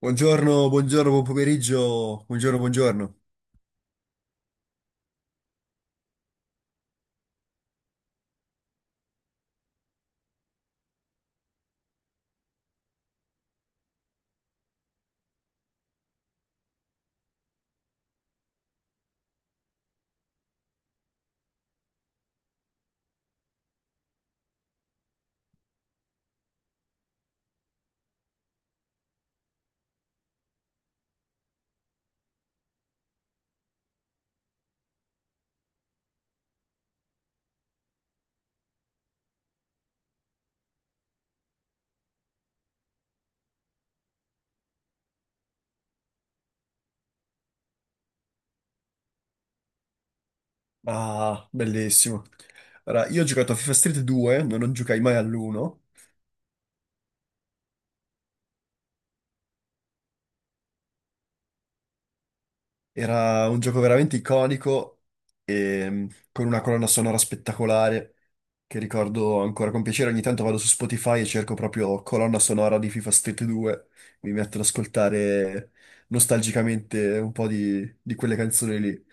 Buongiorno, buongiorno, buon pomeriggio, buongiorno, buongiorno. Ah, bellissimo. Allora, io ho giocato a FIFA Street 2, non giocai mai all'1. Era un gioco veramente iconico, con una colonna sonora spettacolare, che ricordo ancora con piacere. Ogni tanto vado su Spotify e cerco proprio colonna sonora di FIFA Street 2. Mi metto ad ascoltare nostalgicamente un po' di quelle canzoni lì.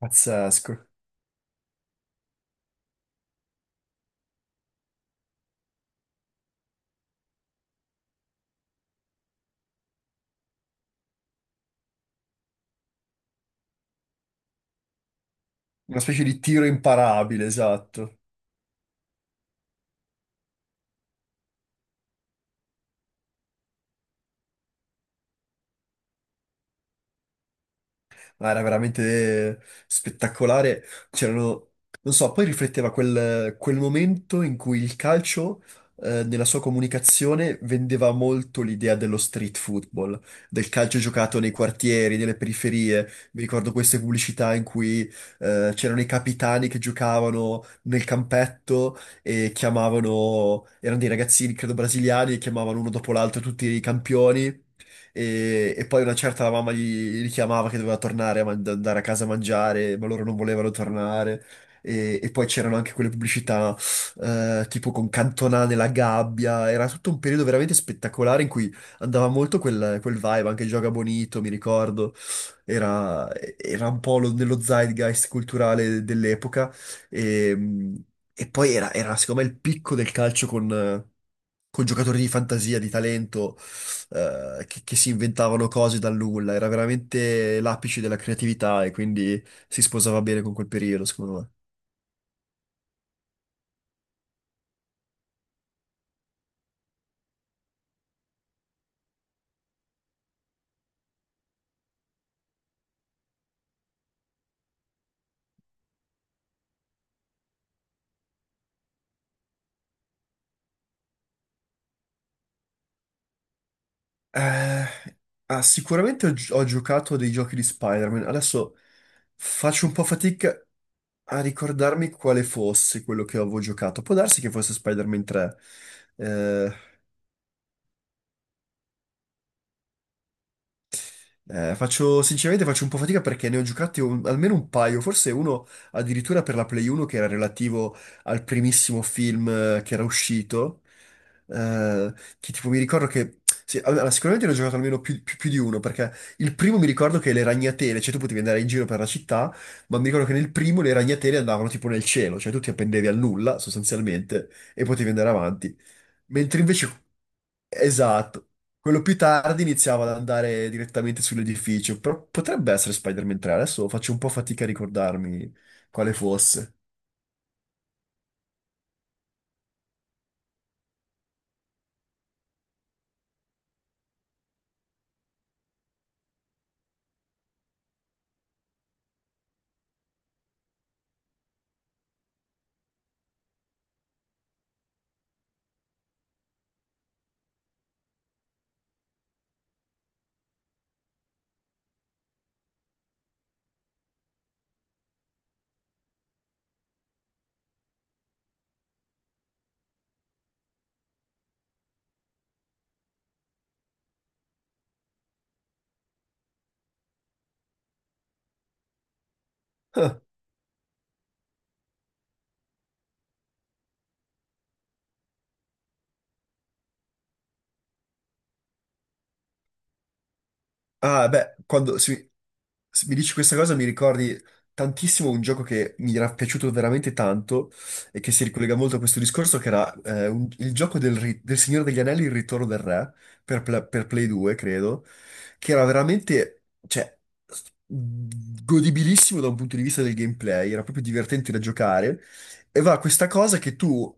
Pazzesco. Una specie di tiro imparabile, esatto. No, era veramente spettacolare. C'erano, non so, poi rifletteva quel momento in cui il calcio, nella sua comunicazione, vendeva molto l'idea dello street football, del calcio giocato nei quartieri, nelle periferie. Mi ricordo queste pubblicità in cui, c'erano i capitani che giocavano nel campetto e chiamavano, erano dei ragazzini, credo brasiliani, e chiamavano uno dopo l'altro tutti i campioni e poi una certa la mamma gli richiamava che doveva tornare a andare a casa a mangiare, ma loro non volevano tornare. E poi c'erano anche quelle pubblicità tipo con Cantona nella gabbia, era tutto un periodo veramente spettacolare in cui andava molto quel vibe, anche Gioca Bonito, mi ricordo, era un po' nello zeitgeist culturale dell'epoca e, e poi era secondo me il picco del calcio con giocatori di fantasia, di talento che si inventavano cose dal nulla, era veramente l'apice della creatività e quindi si sposava bene con quel periodo, secondo me. Eh, sicuramente ho giocato a dei giochi di Spider-Man. Adesso faccio un po' fatica a ricordarmi quale fosse quello che avevo giocato. Può darsi che fosse Spider-Man 3. Sinceramente faccio un po' fatica perché ne ho giocati almeno un paio, forse uno addirittura per la Play 1 che era relativo al primissimo film che era uscito, eh, che tipo mi ricordo sì, allora, sicuramente ne ho giocato almeno più di uno, perché il primo mi ricordo che le ragnatele, cioè tu potevi andare in giro per la città, ma mi ricordo che nel primo le ragnatele andavano tipo nel cielo, cioè tu ti appendevi al nulla sostanzialmente e potevi andare avanti, mentre invece esatto. Quello più tardi iniziava ad andare direttamente sull'edificio, però potrebbe essere Spider-Man 3, adesso faccio un po' fatica a ricordarmi quale fosse. Ah, beh, se mi dici questa cosa mi ricordi tantissimo un gioco che mi era piaciuto veramente tanto e che si ricollega molto a questo discorso, che era il gioco del Signore degli Anelli, Il Ritorno del Re, per Play 2, credo, che era veramente, cioè, godibilissimo da un punto di vista del gameplay, era proprio divertente da giocare, e va questa cosa che tu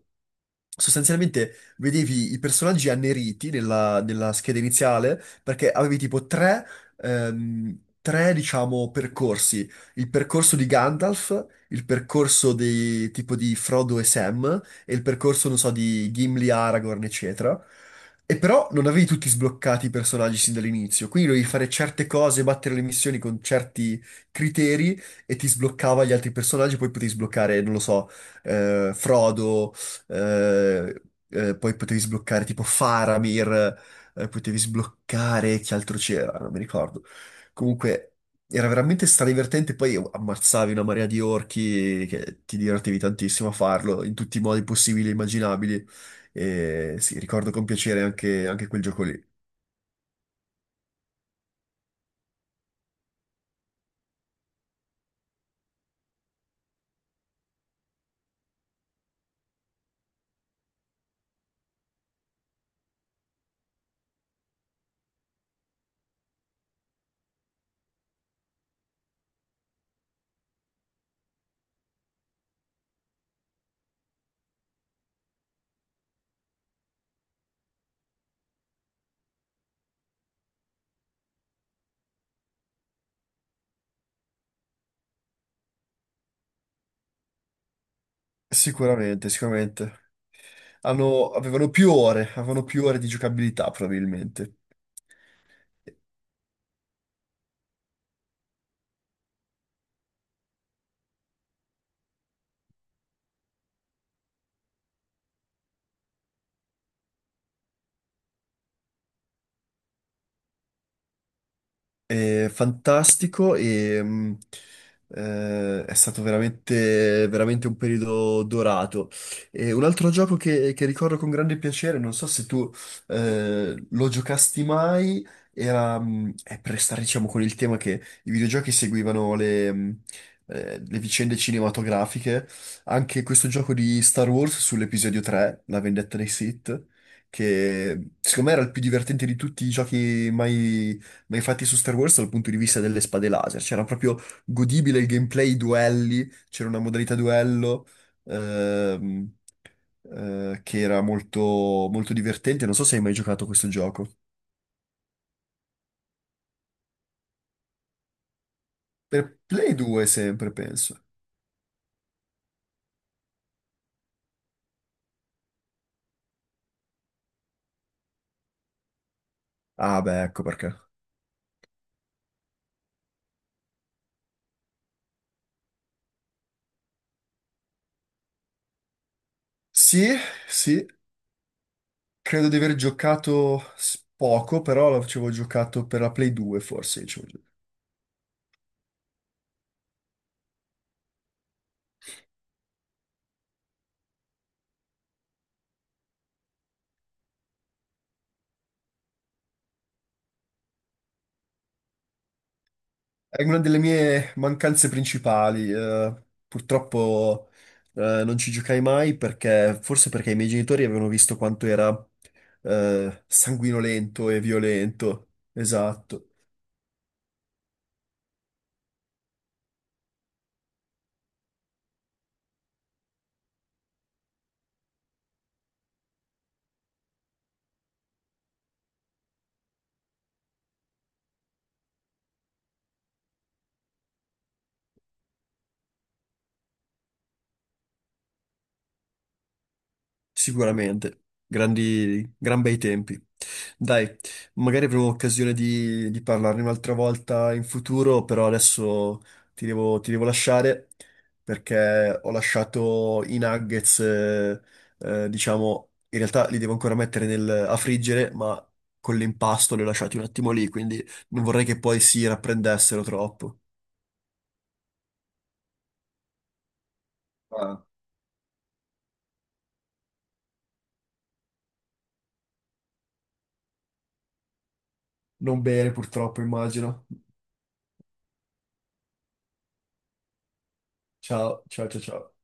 sostanzialmente vedevi i personaggi anneriti nella scheda iniziale perché avevi tipo tre diciamo, percorsi. Il percorso di Gandalf, il percorso di, tipo di Frodo e Sam e il percorso, non so, di Gimli, Aragorn, eccetera. E però non avevi tutti sbloccati i personaggi sin dall'inizio, quindi dovevi fare certe cose, battere le missioni con certi criteri e ti sbloccava gli altri personaggi, poi potevi sbloccare, non lo so, Frodo, eh, poi potevi sbloccare tipo Faramir, potevi sbloccare, che altro c'era, non mi ricordo. Comunque era veramente stradivertente, poi ammazzavi una marea di orchi che ti divertivi tantissimo a farlo in tutti i modi possibili e immaginabili. E sì, ricordo con piacere anche quel gioco lì. Sicuramente, sicuramente. Avevano più ore, avevano più ore di giocabilità probabilmente. È fantastico e è stato veramente, veramente un periodo dorato. E un altro gioco che ricordo con grande piacere, non so se tu lo giocasti mai, era è per restare diciamo con il tema che i videogiochi seguivano le vicende cinematografiche, anche questo gioco di Star Wars sull'episodio 3, La vendetta dei Sith. Che secondo me era il più divertente di tutti i giochi mai, ma infatti su Star Wars dal punto di vista delle spade laser c'era proprio godibile il gameplay, i duelli, c'era una modalità duello ehm, che era molto divertente. Non so se hai mai giocato a questo gioco. Per Play 2 sempre, penso. Ah beh, ecco perché. Sì, sì, credo di aver giocato poco, però l'avevo giocato per la Play 2 forse. Diciamo. È una delle mie mancanze principali. Purtroppo non ci giocai mai perché, forse perché i miei genitori avevano visto quanto era sanguinolento e violento. Esatto. Sicuramente, grandi, gran bei tempi. Dai, magari avremo occasione di parlarne un'altra volta in futuro, però adesso ti devo lasciare perché ho lasciato i nuggets, diciamo, in realtà li devo ancora mettere a friggere, ma con l'impasto li ho lasciati un attimo lì, quindi non vorrei che poi si rapprendessero troppo. Ah. Non bene, purtroppo, immagino. Ciao, ciao, ciao, ciao.